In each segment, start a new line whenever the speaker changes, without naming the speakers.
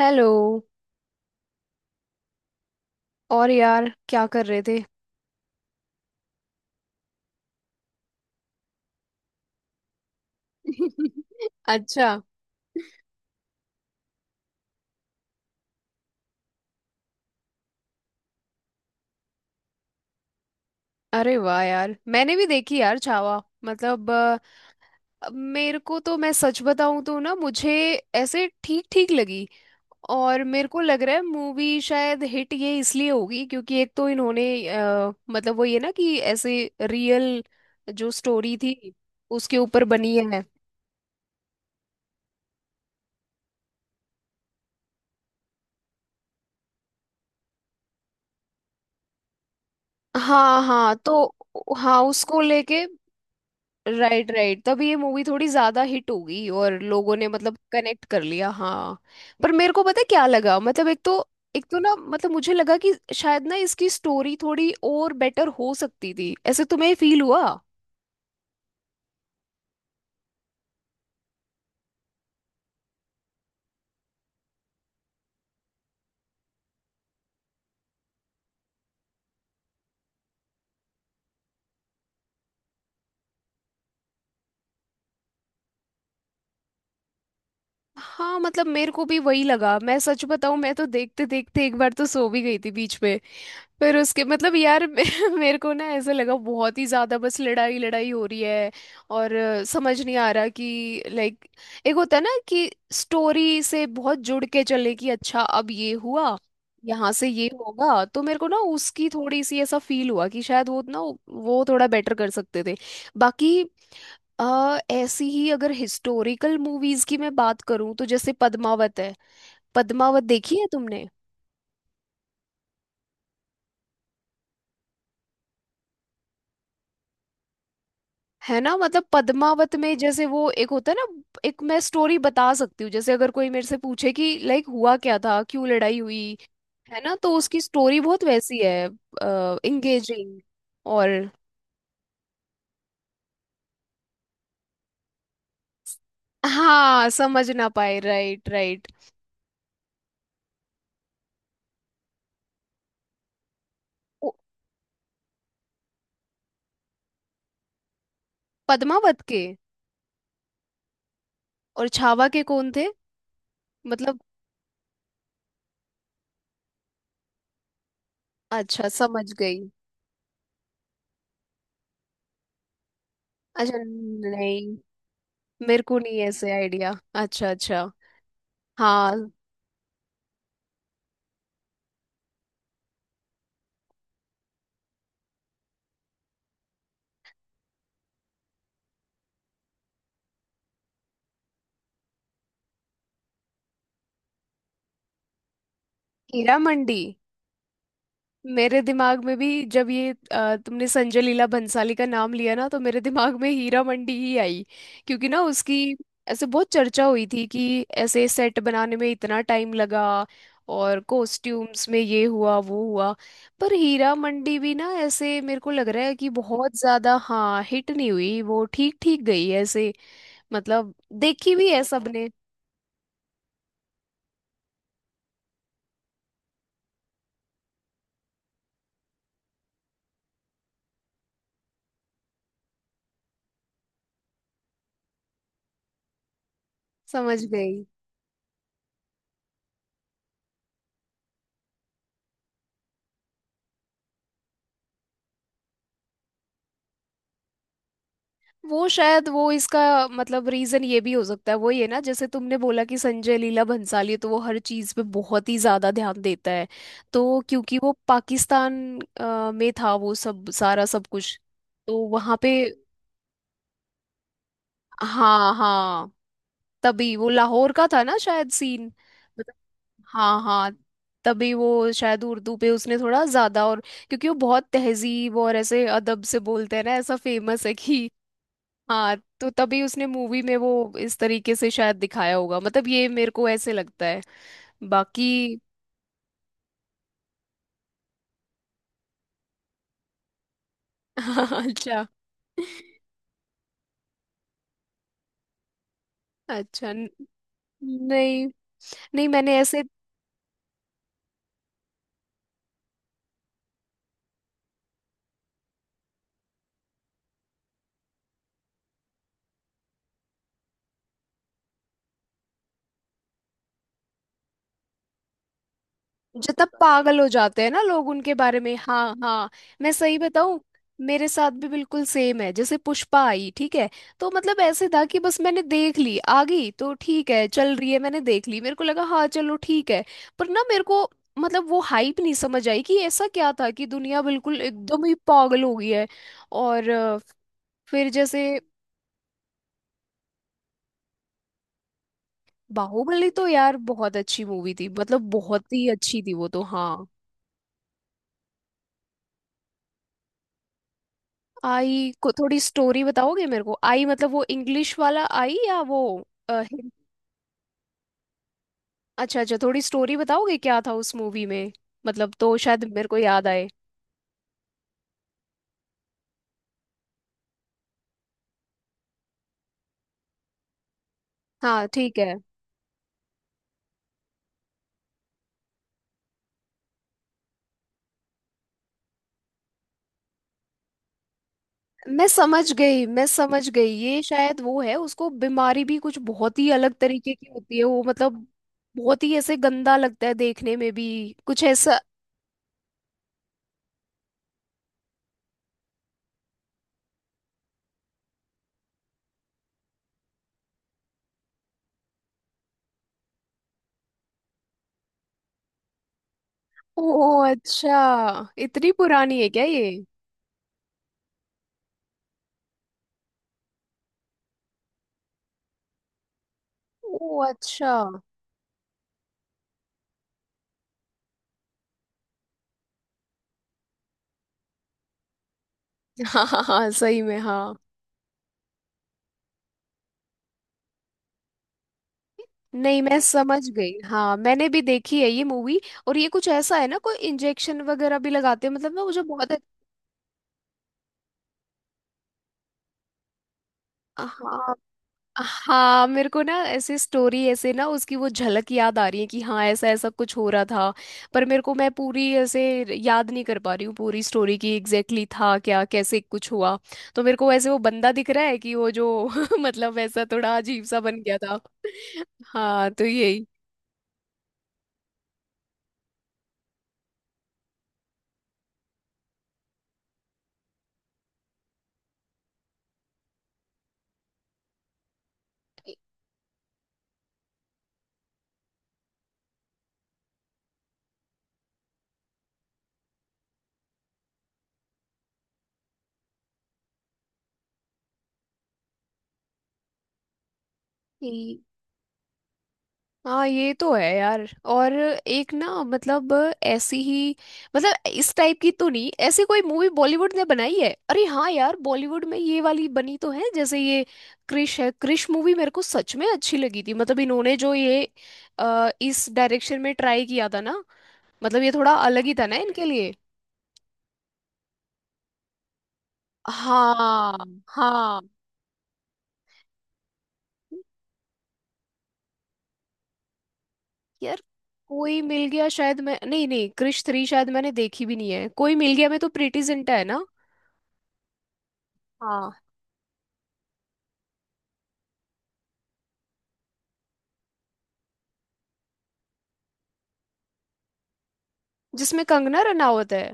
Hello. और यार क्या कर रहे थे? अच्छा। अरे वाह यार मैंने भी देखी यार छावा। मतलब अब मेरे को तो मैं सच बताऊं तो ना मुझे ऐसे ठीक ठीक लगी। और मेरे को लग रहा है मूवी शायद हिट ये इसलिए होगी, क्योंकि एक तो इन्होंने मतलब वो ये ना कि ऐसे रियल जो स्टोरी थी उसके ऊपर बनी है। हाँ हाँ तो हाँ उसको लेके राइट राइट, तब ये मूवी थोड़ी ज्यादा हिट हो गई और लोगों ने मतलब कनेक्ट कर लिया। हाँ, पर मेरे को पता है क्या लगा? मतलब एक तो ना मतलब मुझे लगा कि शायद ना इसकी स्टोरी थोड़ी और बेटर हो सकती थी। ऐसे तुम्हें फील हुआ? हाँ मतलब मेरे को भी वही लगा। मैं सच बताऊं, मैं तो देखते देखते एक बार तो सो भी गई थी बीच में। फिर उसके मतलब यार मेरे को ना ऐसा लगा बहुत ही ज्यादा बस लड़ाई लड़ाई हो रही है। और समझ नहीं आ रहा कि लाइक, एक होता है ना कि स्टोरी से बहुत जुड़ के चले कि अच्छा अब ये हुआ, यहाँ से ये होगा। तो मेरे को ना उसकी थोड़ी सी ऐसा फील हुआ कि शायद वो ना वो थोड़ा बेटर कर सकते थे। बाकी ऐसी ही अगर हिस्टोरिकल मूवीज की मैं बात करूँ तो जैसे पद्मावत है। पद्मावत देखी है तुमने? है ना, मतलब पद्मावत में जैसे वो एक होता है ना, एक मैं स्टोरी बता सकती हूँ, जैसे अगर कोई मेरे से पूछे कि लाइक हुआ क्या था, क्यों लड़ाई हुई, है ना, तो उसकी स्टोरी बहुत वैसी है। इंगेजिंग। और हाँ समझ ना पाए, राइट राइट। पद्मावत के और छावा के कौन थे मतलब? अच्छा समझ गई। अच्छा नहीं, मेरे को नहीं ऐसे आइडिया। अच्छा अच्छा हाँ। हीरा मंडी। मेरे दिमाग में भी जब ये तुमने संजय लीला भंसाली का नाम लिया ना तो मेरे दिमाग में हीरा मंडी ही आई। क्योंकि ना उसकी ऐसे बहुत चर्चा हुई थी कि ऐसे सेट बनाने में इतना टाइम लगा और कॉस्ट्यूम्स में ये हुआ वो हुआ। पर हीरा मंडी भी ना ऐसे मेरे को लग रहा है कि बहुत ज्यादा हाँ हिट नहीं हुई, वो ठीक ठीक गई ऐसे। मतलब देखी भी है सबने? समझ गई। वो शायद वो इसका मतलब रीजन ये भी हो सकता है, वो ये ना, जैसे तुमने बोला कि संजय लीला भंसाली तो वो हर चीज पे बहुत ही ज्यादा ध्यान देता है। तो क्योंकि वो पाकिस्तान में था वो सब सारा सब कुछ, तो वहां पे हाँ हाँ, तभी वो लाहौर का था ना शायद सीन। मतलब हाँ हाँ, तभी वो शायद उर्दू पे उसने थोड़ा ज्यादा और, क्योंकि वो बहुत तहजीब और ऐसे अदब से बोलते हैं ना, ऐसा फेमस है कि। हाँ तो तभी उसने मूवी में वो इस तरीके से शायद दिखाया होगा। मतलब ये मेरे को ऐसे लगता है। बाकी अच्छा अच्छा नहीं नहीं मैंने ऐसे, जितना पागल हो जाते हैं ना लोग उनके बारे में, हाँ हाँ। मैं सही बताऊं, मेरे साथ भी बिल्कुल सेम है। जैसे पुष्पा आई, ठीक है। तो मतलब ऐसे था कि बस मैंने देख ली, आ गई तो ठीक है चल रही है, मैंने देख ली, मेरे को लगा हाँ चलो ठीक है। पर ना मेरे को मतलब वो हाइप नहीं समझ आई कि ऐसा क्या था कि दुनिया बिल्कुल एकदम ही पागल हो गई है। और फिर जैसे बाहुबली, तो यार बहुत अच्छी मूवी थी, मतलब बहुत ही अच्छी थी वो तो, हाँ। आई को थोड़ी स्टोरी बताओगे मेरे को? आई मतलब वो इंग्लिश वाला आई या वो अ, हिं- अच्छा अच्छा, थोड़ी स्टोरी बताओगे क्या था उस मूवी में? मतलब तो शायद मेरे को याद आए। हाँ ठीक है। मैं समझ गई मैं समझ गई, ये शायद वो है, उसको बीमारी भी कुछ बहुत ही अलग तरीके की होती है वो, मतलब बहुत ही ऐसे गंदा लगता है देखने में भी, कुछ ऐसा। ओ अच्छा, इतनी पुरानी है क्या ये? ओ अच्छा। हाँ हाँ हाँ सही में हाँ। नहीं, मैं समझ गई, हाँ मैंने भी देखी है ये मूवी। और ये कुछ ऐसा है ना, कोई इंजेक्शन वगैरह भी लगाते हैं मतलब ना, मुझे बहुत, हाँ हाँ। मेरे को ना ऐसे स्टोरी, ऐसे ना उसकी वो झलक याद आ रही है कि हाँ ऐसा ऐसा कुछ हो रहा था। पर मेरे को, मैं पूरी ऐसे याद नहीं कर पा रही हूँ, पूरी स्टोरी की एग्जैक्टली था क्या कैसे कुछ हुआ। तो मेरे को ऐसे वो बंदा दिख रहा है कि वो जो मतलब ऐसा थोड़ा अजीब सा बन गया था। हाँ, तो यही। हाँ ये तो है यार। और एक ना मतलब ऐसी ही, मतलब इस टाइप की तो नहीं ऐसी कोई मूवी बॉलीवुड ने बनाई है, अरे हाँ यार, बॉलीवुड में ये वाली बनी तो है, जैसे ये क्रिश है। क्रिश मूवी मेरे को सच में अच्छी लगी थी, मतलब इन्होंने जो ये इस डायरेक्शन में ट्राई किया था ना, मतलब ये थोड़ा अलग ही था ना इनके लिए। हाँ हाँ यार। कोई मिल गया, शायद मैं, नहीं नहीं क्रिश थ्री शायद मैंने देखी भी नहीं है। कोई मिल गया, मैं तो प्रीटी जिंटा है ना, हाँ। जिसमें कंगना रनावत है।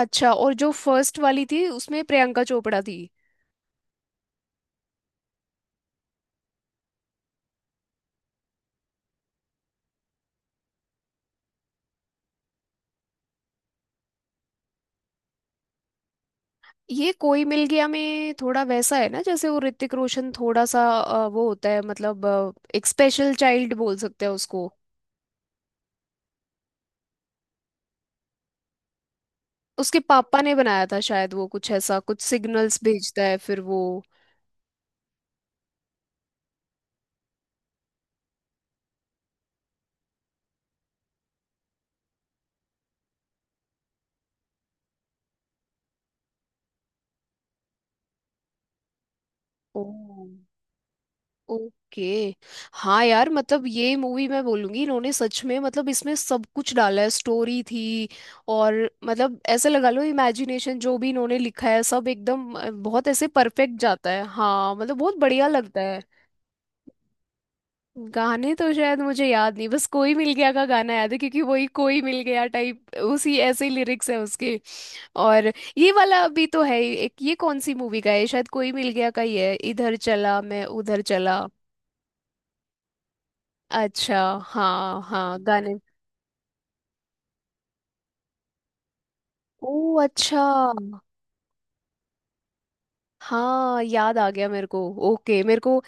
अच्छा, और जो फर्स्ट वाली थी उसमें प्रियंका चोपड़ा थी। ये कोई मिल गया में थोड़ा वैसा है ना, जैसे वो ऋतिक रोशन थोड़ा सा वो होता है मतलब एक स्पेशल चाइल्ड बोल सकते हैं उसको। उसके पापा ने बनाया था शायद वो कुछ ऐसा, कुछ सिग्नल्स भेजता है फिर वो। ओह। ओके। हाँ यार मतलब ये मूवी, मैं बोलूंगी इन्होंने सच में मतलब इसमें सब कुछ डाला है, स्टोरी थी और मतलब ऐसे लगा लो इमेजिनेशन जो भी इन्होंने लिखा है सब एकदम बहुत ऐसे परफेक्ट जाता है, हाँ मतलब बहुत बढ़िया लगता है। गाने तो शायद मुझे याद नहीं, बस कोई मिल गया का गाना याद है क्योंकि वही कोई मिल गया टाइप उसी ऐसे लिरिक्स है उसके। और ये वाला भी तो है ही, एक ये कौन सी मूवी का है, शायद कोई मिल गया का ही है, इधर चला मैं उधर चला। अच्छा, हाँ हाँ गाने। ओ अच्छा, हाँ याद आ गया मेरे को। ओके मेरे को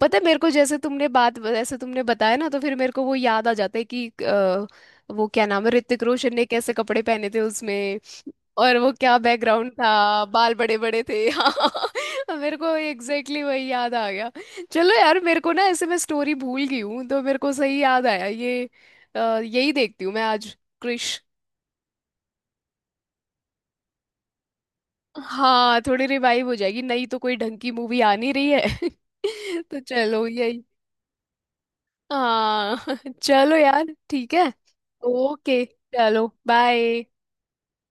पता है, मेरे को जैसे तुमने बात, जैसे तुमने बताया ना, तो फिर मेरे को वो याद आ जाता है कि वो क्या नाम है, ऋतिक रोशन ने कैसे कपड़े पहने थे उसमें। और वो क्या बैकग्राउंड था, बाल बड़े बड़े थे हाँ मेरे को एग्जैक्टली exactly वही याद आ गया। चलो यार मेरे को ना ऐसे, मैं स्टोरी भूल गई हूँ, तो मेरे को सही याद आया ये। यही देखती हूँ मैं आज, क्रिश। हाँ, थोड़ी रिवाइव हो जाएगी, नहीं तो कोई ढंग की मूवी आ नहीं रही है तो चलो यही। हाँ चलो यार ठीक है। ओके। चलो बाय।